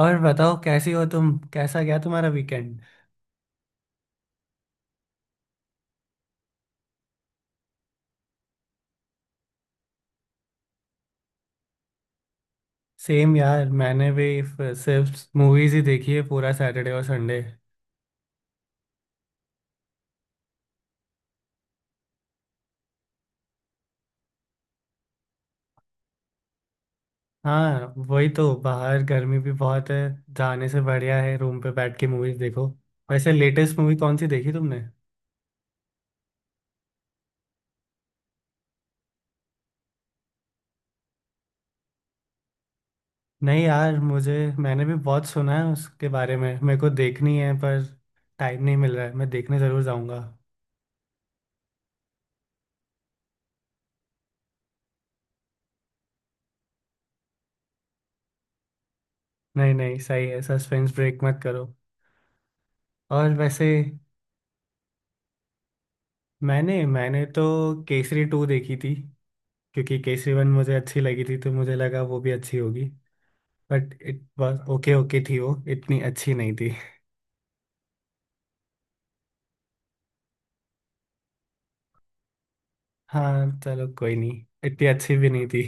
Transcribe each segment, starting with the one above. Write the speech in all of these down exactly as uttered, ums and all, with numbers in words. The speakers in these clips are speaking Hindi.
और बताओ, कैसी हो तुम? कैसा गया तुम्हारा वीकेंड? सेम यार। मैंने भी फ- सिर्फ मूवीज ही देखी है, पूरा सैटरडे और संडे। हाँ वही तो, बाहर गर्मी भी बहुत है। जाने से बढ़िया है रूम पे बैठ के मूवीज देखो। वैसे लेटेस्ट मूवी कौन सी देखी तुमने? नहीं यार मुझे। मैंने भी बहुत सुना है उसके बारे में, मेरे को देखनी है पर टाइम नहीं मिल रहा है। मैं देखने ज़रूर जाऊंगा। नहीं नहीं, सही है, सस्पेंस ब्रेक मत करो। और वैसे मैंने मैंने तो केसरी टू देखी थी, क्योंकि केसरी वन मुझे अच्छी लगी थी तो मुझे लगा वो भी अच्छी होगी। But it was okay. Okay थी वो, इतनी अच्छी नहीं थी। हाँ चलो, कोई नहीं, इतनी अच्छी भी नहीं थी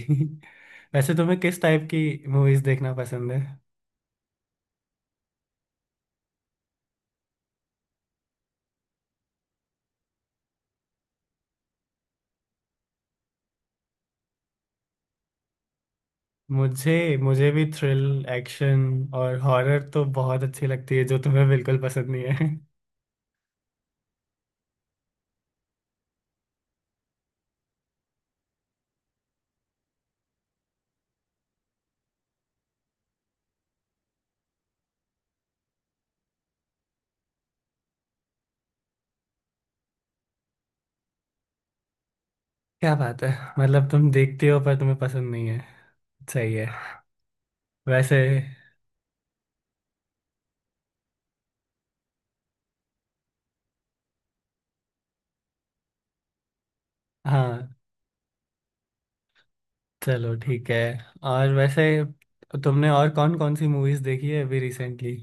वैसे तुम्हें किस टाइप की मूवीज देखना पसंद है? मुझे, मुझे भी थ्रिल, एक्शन और हॉरर तो बहुत अच्छी लगती है, जो तुम्हें बिल्कुल पसंद नहीं है क्या बात है, मतलब तुम देखते हो पर तुम्हें पसंद नहीं है। सही है। वैसे। हाँ चलो ठीक है। और वैसे तुमने और कौन कौन सी मूवीज देखी है अभी रिसेंटली?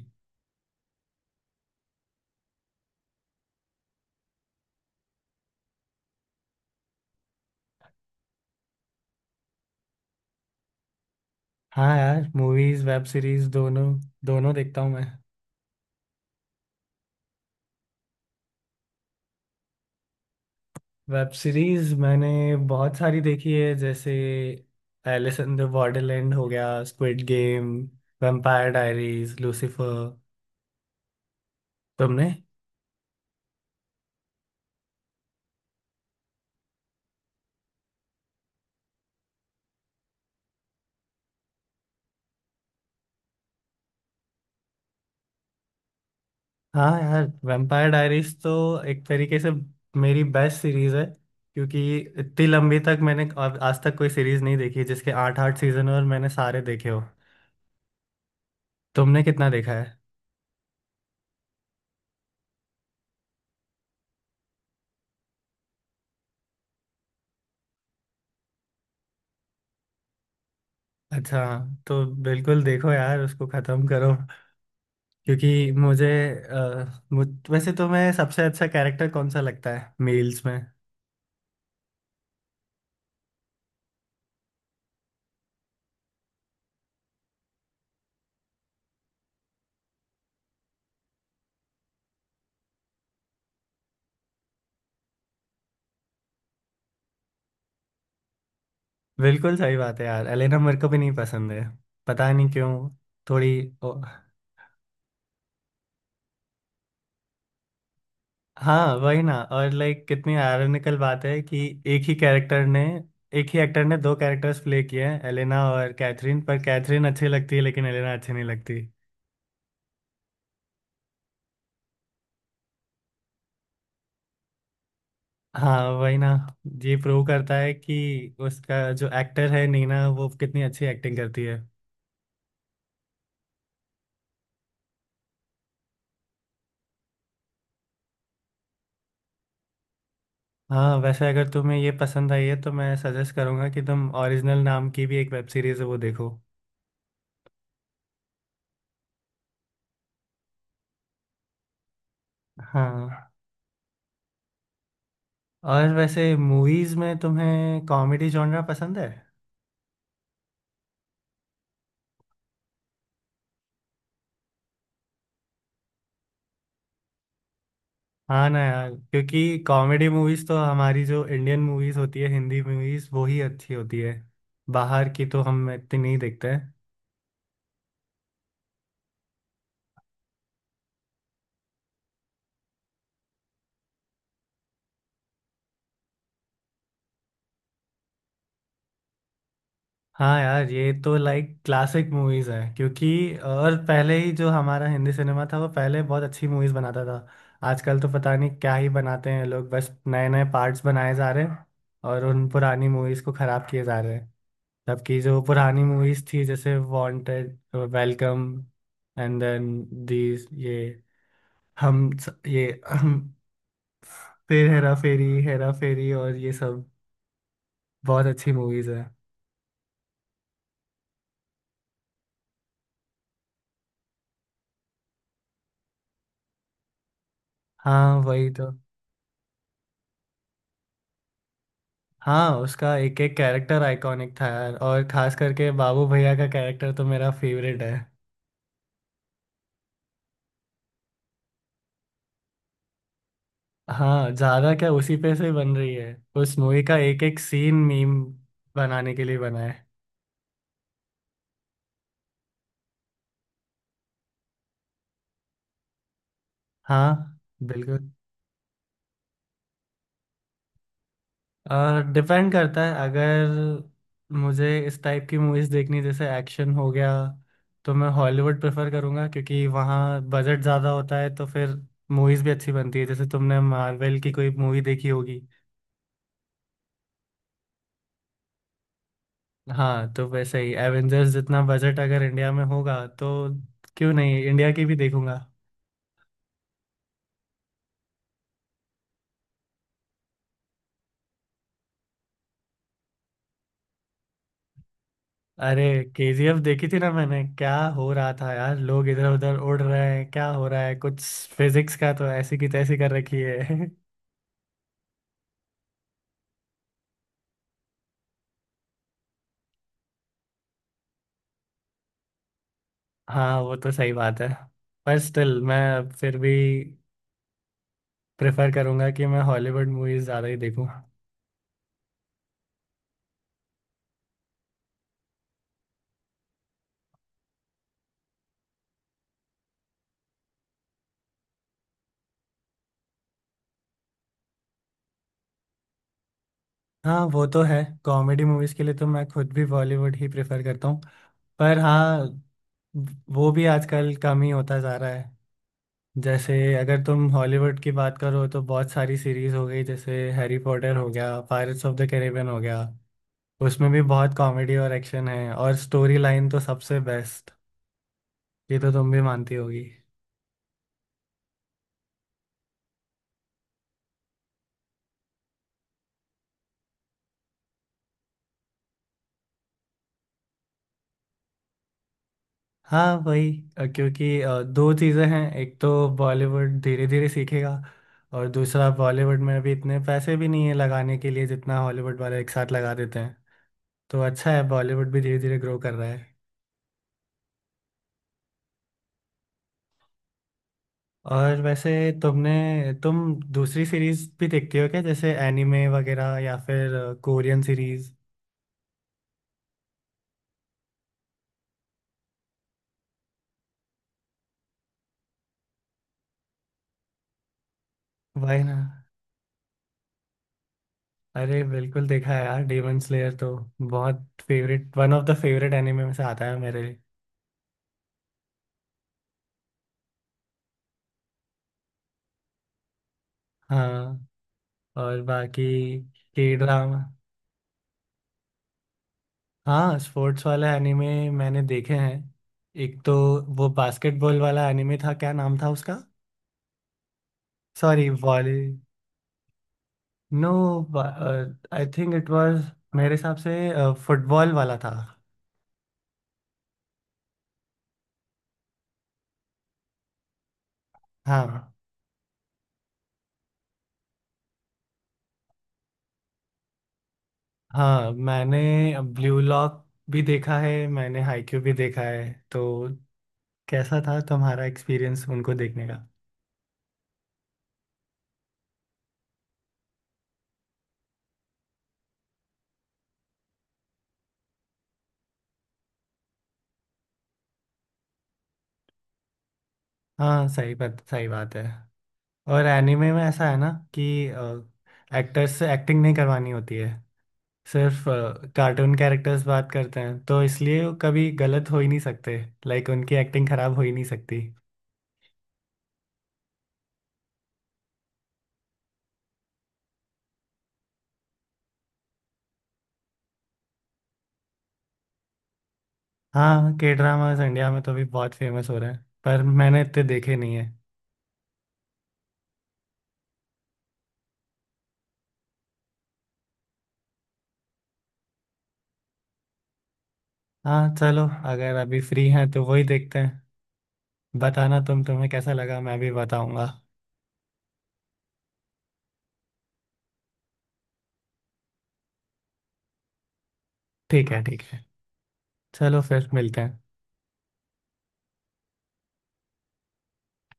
हाँ यार, मूवीज वेब सीरीज दोनों, दोनों देखता हूँ मैं। वेब सीरीज मैंने बहुत सारी देखी है, जैसे एलिस इन द बॉर्डरलैंड हो गया, squid game, vampire diaries, Lucifer. तुमने? हाँ यार, वैम्पायर डायरीज तो एक तरीके से मेरी बेस्ट सीरीज है, क्योंकि इतनी लंबी तक मैंने आज आज तक कोई सीरीज नहीं देखी है, जिसके आठ आठ सीजन और मैंने सारे देखे हो। तुमने कितना देखा है? अच्छा। तो बिल्कुल देखो यार, उसको खत्म करो, क्योंकि मुझे। अ, मुझ, वैसे तुम्हें सबसे अच्छा कैरेक्टर कौन सा लगता है मेल्स में? बिल्कुल सही बात है यार, एलेना मेरे को भी नहीं पसंद है, पता नहीं क्यों। थोड़ी। ओ, हाँ वही ना। और लाइक कितनी आयरनिकल बात है कि एक ही कैरेक्टर ने एक ही एक्टर ने दो कैरेक्टर्स प्ले किए हैं, एलेना और कैथरीन, पर कैथरीन अच्छी लगती है लेकिन एलेना अच्छी नहीं लगती। हाँ वही ना, ये प्रूव करता है कि उसका जो एक्टर है नीना, वो कितनी अच्छी एक्टिंग करती है। हाँ, वैसे अगर तुम्हें ये पसंद आई है तो मैं सजेस्ट करूंगा कि तुम, ओरिजिनल नाम की भी एक वेब सीरीज है, वो देखो। हाँ। और वैसे मूवीज में तुम्हें कॉमेडी जॉनरा पसंद है? हाँ ना यार, क्योंकि कॉमेडी मूवीज तो हमारी जो इंडियन मूवीज होती है, हिंदी मूवीज, वो ही अच्छी होती है। बाहर की तो हम इतनी नहीं देखते हैं। हाँ यार, ये तो लाइक क्लासिक मूवीज है, क्योंकि और पहले ही जो हमारा हिंदी सिनेमा था वो पहले बहुत अच्छी मूवीज बनाता था। आजकल तो पता नहीं क्या ही बनाते हैं लोग, बस नए नए पार्ट्स बनाए जा रहे हैं, और उन पुरानी मूवीज को खराब किए जा रहे हैं। जबकि जो पुरानी मूवीज थी, जैसे Wanted, Welcome, and then, these ये हम ये फिर हेरा फेरी, हेरा फेरी और ये सब बहुत अच्छी मूवीज है। हाँ वही तो। हाँ उसका एक एक कैरेक्टर आइकॉनिक था यार, और खास करके बाबू भैया का कैरेक्टर तो मेरा फेवरेट है। हाँ ज्यादा क्या, उसी पे से बन रही है। उस मूवी का एक एक सीन मीम बनाने के लिए बना है। हाँ बिल्कुल। और डिपेंड करता है, अगर मुझे इस टाइप की मूवीज देखनी जैसे एक्शन हो गया, तो मैं हॉलीवुड प्रेफर करूँगा, क्योंकि वहाँ बजट ज़्यादा होता है तो फिर मूवीज़ भी अच्छी बनती है। जैसे तुमने मार्वल की कोई मूवी देखी होगी। हाँ तो वैसे ही एवेंजर्स जितना बजट अगर इंडिया में होगा, तो क्यों नहीं, इंडिया की भी देखूंगा। अरे, केजीएफ देखी थी ना मैंने, क्या हो रहा था यार, लोग इधर उधर उड़ रहे हैं, क्या हो रहा है कुछ, फिजिक्स का तो ऐसी की तैसी कर रखी है हाँ वो तो सही बात है। पर स्टिल मैं फिर भी प्रेफर करूंगा कि मैं हॉलीवुड मूवीज ज़्यादा ही देखूं। हाँ वो तो है, कॉमेडी मूवीज के लिए तो मैं खुद भी बॉलीवुड ही प्रेफर करता हूँ। पर हाँ, वो भी आजकल कम ही होता जा रहा है। जैसे अगर तुम हॉलीवुड की बात करो, तो बहुत सारी सीरीज हो गई, जैसे हैरी पॉटर हो गया, पायरेट्स ऑफ द कैरिबियन हो गया, उसमें भी बहुत कॉमेडी और एक्शन है, और स्टोरी लाइन तो सबसे बेस्ट। ये तो तुम भी मानती होगी। हाँ वही, अ, क्योंकि अ, दो चीज़ें हैं। एक तो बॉलीवुड धीरे धीरे सीखेगा, और दूसरा बॉलीवुड में अभी इतने पैसे भी नहीं है लगाने के लिए जितना हॉलीवुड वाले एक साथ लगा देते हैं। तो अच्छा है, बॉलीवुड भी धीरे धीरे ग्रो कर रहा है। और वैसे तुमने, तुम दूसरी सीरीज भी देखती हो क्या, जैसे एनिमे वगैरह या फिर कोरियन सीरीज? वही ना। अरे बिल्कुल देखा है यार, डेमन स्लेयर तो बहुत favourite, one of the favourite anime में से आता है मेरे लिए। हाँ। और बाकी के ड्रामा। हाँ स्पोर्ट्स वाला एनिमे मैंने देखे हैं। एक तो वो बास्केटबॉल वाला एनिमे था, क्या नाम था उसका। Sorry volley, no, I think it was, मेरे हिसाब से फुटबॉल वाला था। हाँ हाँ, मैंने ब्लू लॉक भी देखा है, मैंने हाईक्यू भी देखा है। तो कैसा था तुम्हारा एक्सपीरियंस उनको देखने का? हाँ सही बात, सही बात है। और एनिमे में ऐसा है ना कि एक्टर्स से एक्टिंग नहीं करवानी होती है, सिर्फ कार्टून कैरेक्टर्स बात करते हैं, तो इसलिए वो कभी गलत हो ही नहीं सकते। लाइक उनकी एक्टिंग खराब हो ही नहीं सकती। हाँ, के ड्रामास इंडिया में तो अभी बहुत फेमस हो रहे हैं, पर मैंने इतने देखे नहीं है। हाँ चलो, अगर अभी फ्री हैं तो वही देखते हैं। बताना तुम तुम्हें कैसा लगा, मैं भी बताऊंगा। ठीक है ठीक है, चलो फिर मिलते हैं।